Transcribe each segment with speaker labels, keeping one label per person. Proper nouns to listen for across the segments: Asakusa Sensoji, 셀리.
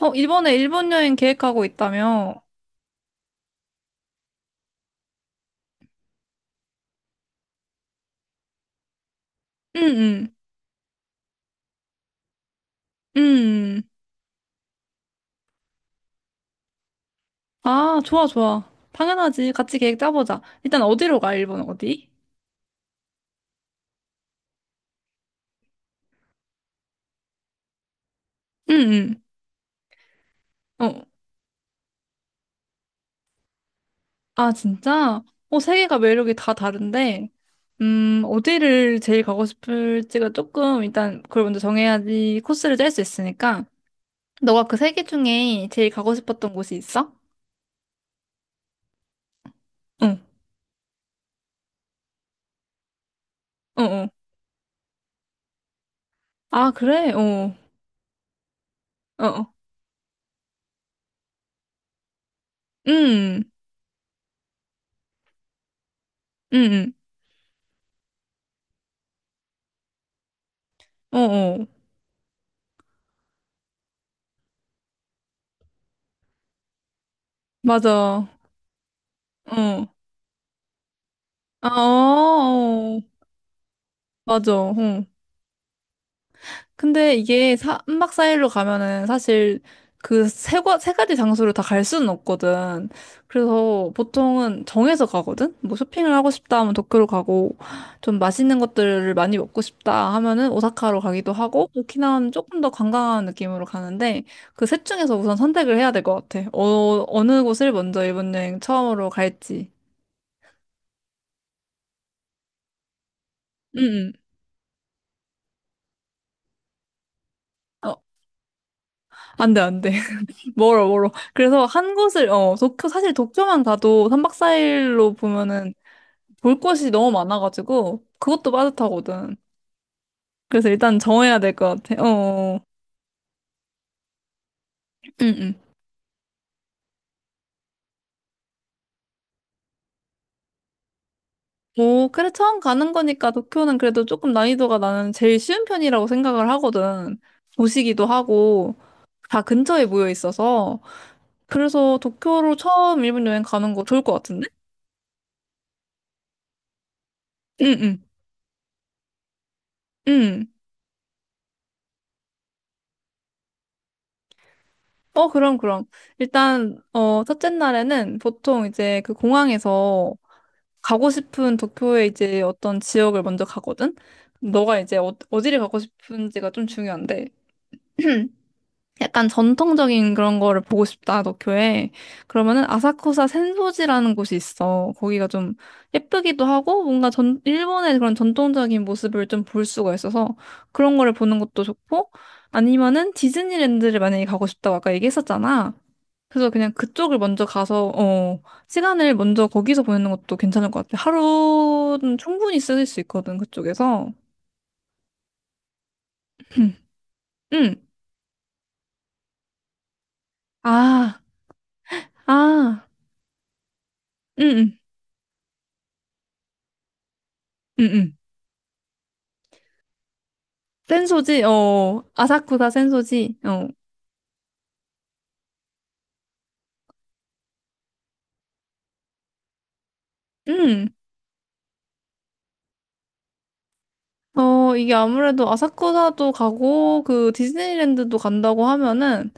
Speaker 1: 어, 이번에 일본 여행 계획하고 있다며? 응, 응, 응. 아, 좋아. 당연하지. 같이 계획 짜보자. 일단 어디로 가, 일본 어디? 응, 응. 어, 아, 진짜? 어, 세 개가 매력이 다 다른데, 어디를 제일 가고 싶을지가 조금, 일단 그걸 먼저 정해야지 코스를 짤 수 있으니까. 너가 그 세 개 중에 제일 가고 싶었던 곳이 있어? 응, 어, 어. 아, 그래? 어, 어. 응, 응, 응. 어, 어. 맞아. 어. 아, 맞아. 응. 근데 이게 3박 4일로 가면은 사실 그 세 가지 장소를 다 갈 수는 없거든. 그래서 보통은 정해서 가거든? 뭐 쇼핑을 하고 싶다 하면 도쿄로 가고, 좀 맛있는 것들을 많이 먹고 싶다 하면은 오사카로 가기도 하고, 오키나와는 조금 더 관광하는 느낌으로 가는데, 그 셋 중에서 우선 선택을 해야 될 것 같아. 어느 곳을 먼저 일본 여행 처음으로 갈지. 응, 응. 어, 안 돼, 안 돼. 멀어, 멀어. 그래서 한 곳을, 어, 도쿄, 사실 도쿄만 가도 3박 4일로 보면은 볼 곳이 너무 많아가지고, 그것도 빠듯하거든. 그래서 일단 정해야 될 것 같아. 응, 응. 오, 그래, 처음 가는 거니까 도쿄는 그래도 조금 난이도가 나는 제일 쉬운 편이라고 생각을 하거든. 도시기도 하고, 다 근처에 모여 있어서. 그래서 도쿄로 처음 일본 여행 가는 거 좋을 것 같은데? 응, 응, 응. 그럼. 일단, 어, 첫째 날에는 보통 이제 그 공항에서 가고 싶은 도쿄의 이제 어떤 지역을 먼저 가거든? 너가 이제 어, 어디를 가고 싶은지가 좀 중요한데. 약간 전통적인 그런 거를 보고 싶다, 도쿄에. 그러면은 아사쿠사 센소지라는 곳이 있어. 거기가 좀 예쁘기도 하고 일본의 그런 전통적인 모습을 좀 볼 수가 있어서 그런 거를 보는 것도 좋고 아니면은 디즈니랜드를 만약에 가고 싶다고 아까 얘기했었잖아. 그래서 그냥 그쪽을 먼저 가서, 어, 시간을 먼저 거기서 보내는 것도 괜찮을 것 같아. 하루는 충분히 쓸 수 있거든, 그쪽에서. 응. 아, 아, 응, 응, 응. 센소지? 어, 아사쿠사 센소지? 음. 어, 이게 아무래도 아사쿠사도 가고, 그 디즈니랜드도 간다고 하면은,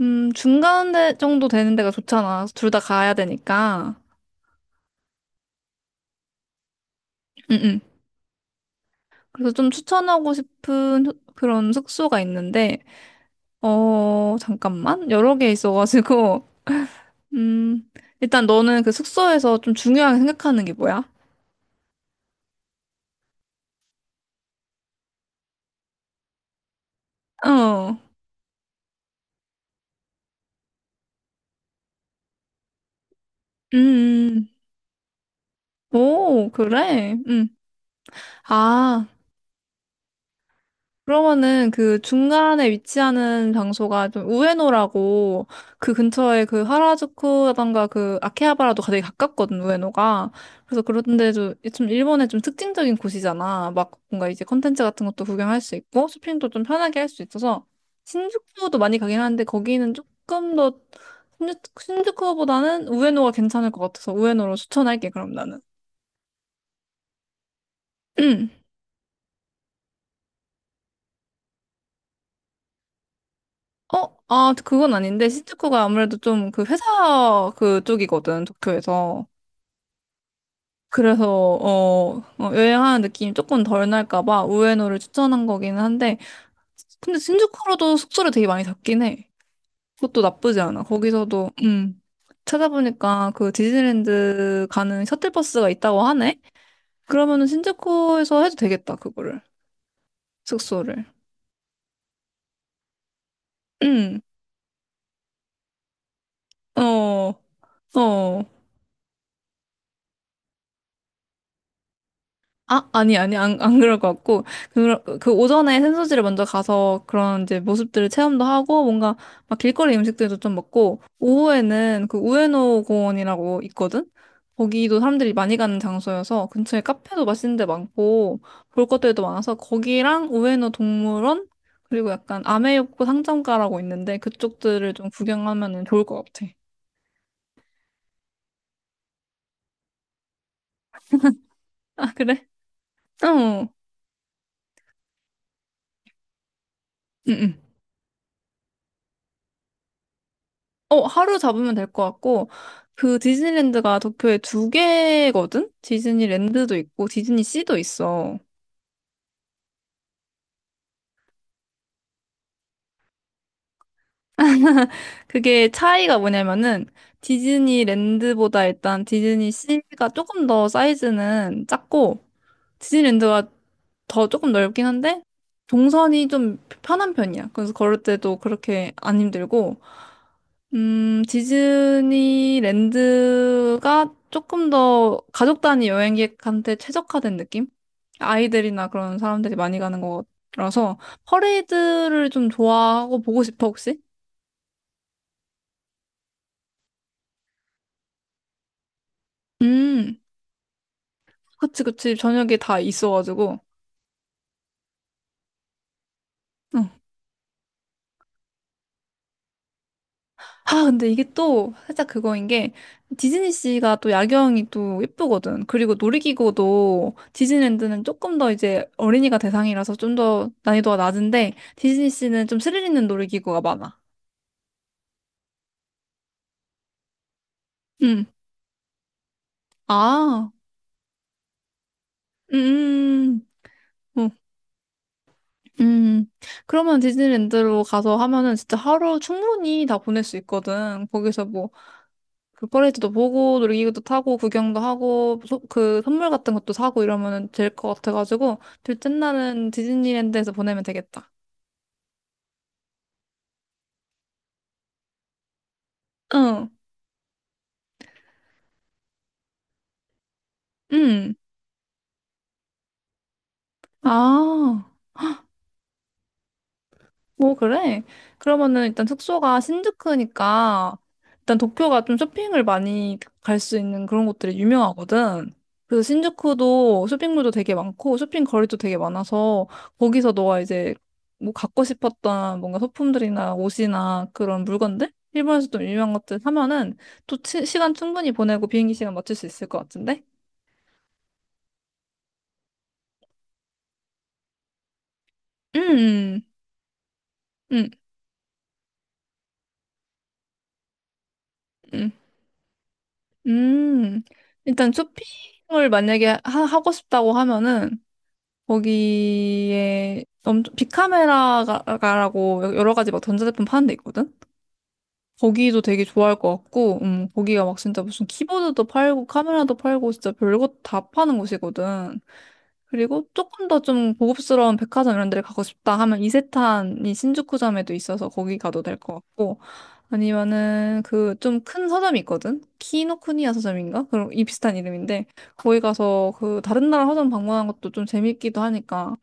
Speaker 1: 정도 되는 데가 좋잖아. 둘 다 가야 되니까. 음, 음. 그래서 좀 추천하고 싶은 그런 숙소가 있는데, 어, 잠깐만. 여러 개 있어가지고, 음, 일단 너는 그 숙소에서 좀 중요하게 생각하는 게 뭐야? 어, 음, 음. 오, 그래? 아. 그러면은 그 중간에 위치하는 장소가 좀 우에노라고 그 근처에 그 하라주쿠라던가 그 아케하바라도 되게 가깝거든, 우에노가. 그래서 그런데도 좀 일본의 좀 특징적인 곳이잖아. 막 뭔가 이제 컨텐츠 같은 것도 구경할 수 있고 쇼핑도 좀 편하게 할 수 있어서 신주쿠도 많이 가긴 하는데 거기는 조금 더 신주쿠보다는 우에노가 괜찮을 것 같아서 우에노로 추천할게, 그럼 나는. 어, 아, 그건 아닌데, 시즈코가 아무래도 좀 그 회사 그쪽이거든, 도쿄에서. 그래서, 어, 여행하는 느낌이 조금 덜 날까 봐 우에노를 추천한 거기는 한데, 근데 신주쿠로도 숙소를 되게 많이 잡긴 해. 그것도 나쁘지 않아. 거기서도, 찾아보니까 그 디즈니랜드 가는 셔틀버스가 있다고 하네? 그러면은 신주쿠에서 해도 되겠다, 그거를. 숙소를. 음, 어, 어. 아, 아니, 안 그럴 것 같고, 그 오전에 센서지를 먼저 가서 그런 이제 모습들을 체험도 하고, 뭔가 막 길거리 음식들도 좀 먹고, 오후에는 그 우에노 공원이라고 있거든? 거기도 사람들이 많이 가는 장소여서 근처에 카페도 맛있는 데 많고, 볼 것들도 많아서 거기랑 우에노 동물원? 그리고 약간 아메요코 상점가라고 있는데 그쪽들을 좀 구경하면 좋을 것 같아. 아, 그래? 어. 응, 응. 어, 하루 잡으면 될 것 같고, 그 디즈니랜드가 도쿄에 두 개거든? 디즈니랜드도 있고, 디즈니씨도 있어. 그게 차이가 뭐냐면은, 디즈니랜드보다 일단 디즈니씨가 조금 더 사이즈는 작고, 디즈니랜드가 더 조금 넓긴 한데, 동선이 좀 편한 편이야. 그래서 걸을 때도 그렇게 안 힘들고, 디즈니랜드가 조금 더 가족 단위 여행객한테 최적화된 느낌? 아이들이나 그런 사람들이 많이 가는 거라서 퍼레이드를 좀 좋아하고 보고 싶어, 혹시? 음, 그치, 그치. 저녁에 다 있어가지고. 응. 아, 근데 이게 또 살짝 그거인 게 디즈니씨가 또 야경이 또 예쁘거든. 그리고 놀이기구도 디즈니랜드는 조금 더 이제 어린이가 대상이라서 좀 더 난이도가 낮은데 디즈니씨는 좀 스릴 있는 놀이기구가 많아. 음. 아. 음. 음. 음. 어, 음. 그러면 디즈니랜드로 가서 하면은 진짜 하루 충분히 다 보낼 수 있거든. 거기서 뭐 그 퍼레이드도 보고 놀이기구도 타고 구경도 하고 그 선물 같은 것도 사고 이러면 될 것 같아가지고 둘째 날은 디즈니랜드에서 보내면 되겠다. 응, 응. 아, 오, 그래? 그러면은 일단 숙소가 신주쿠니까 일단 도쿄가 좀 쇼핑을 많이 갈 수 있는 그런 곳들이 유명하거든. 그래서 신주쿠도 쇼핑몰도 되게 많고 쇼핑 거리도 되게 많아서 거기서 너가 이제 뭐 갖고 싶었던 뭔가 소품들이나 옷이나 그런 물건들? 일본에서 좀 유명한 것들 사면은 또 시간 충분히 보내고 비행기 시간 맞출 수 있을 것 같은데? 음, 음, 음, 음. 일단 쇼핑을 만약에 하고 싶다고 하면은 거기에 엄 빅카메라가라고 여러 가지 막 전자제품 파는 데 있거든? 거기도 되게 좋아할 것 같고, 거기가 막 진짜 무슨 키보드도 팔고, 카메라도 팔고, 진짜 별것 다 파는 곳이거든. 그리고 조금 더 좀 고급스러운 백화점 이런 데를 가고 싶다 하면 이세탄이 신주쿠점에도 있어서 거기 가도 될 것 같고, 아니면은 그 좀 큰 서점이 있거든? 키노쿠니야 서점인가? 그런 이 비슷한 이름인데, 거기 가서 그 다른 나라 서점 방문하는 것도 좀 재밌기도 하니까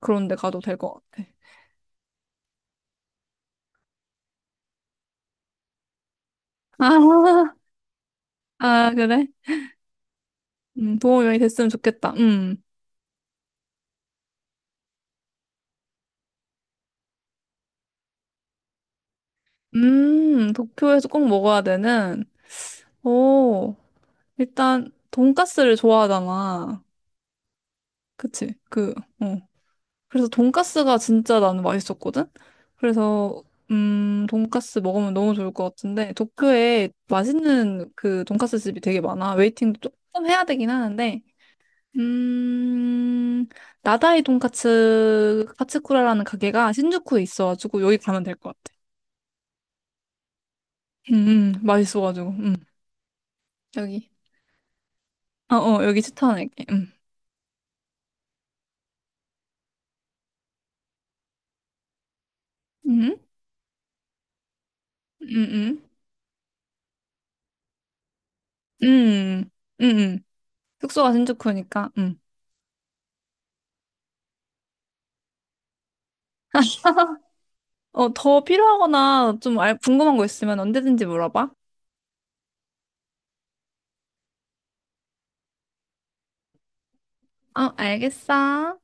Speaker 1: 그런 데 가도 될 것 같아. 아, 그래? 도움이 많이 됐으면 좋겠다. 도쿄에서 꼭 먹어야 되는, 오, 일단, 돈까스를 좋아하잖아. 그치? 어. 그래서 돈까스가 진짜 나는 맛있었거든? 그래서, 돈까스 먹으면 너무 좋을 것 같은데, 도쿄에 맛있는 그 돈까스 집이 되게 많아. 웨이팅도 조금 해야 되긴 하는데, 음, 나다이 돈까츠 카츠쿠라라는 가게가 신주쿠에 있어가지고, 여기 가면 될 것 같아. 맛있어가지고, 여기. 여기 추천할게. 응. 응? 응, 응. 응, 응. 응. 숙소가 신주쿠니까. 응. 어, 더 필요하거나 좀 궁금한 거 있으면 언제든지 물어봐. 어, 알겠어.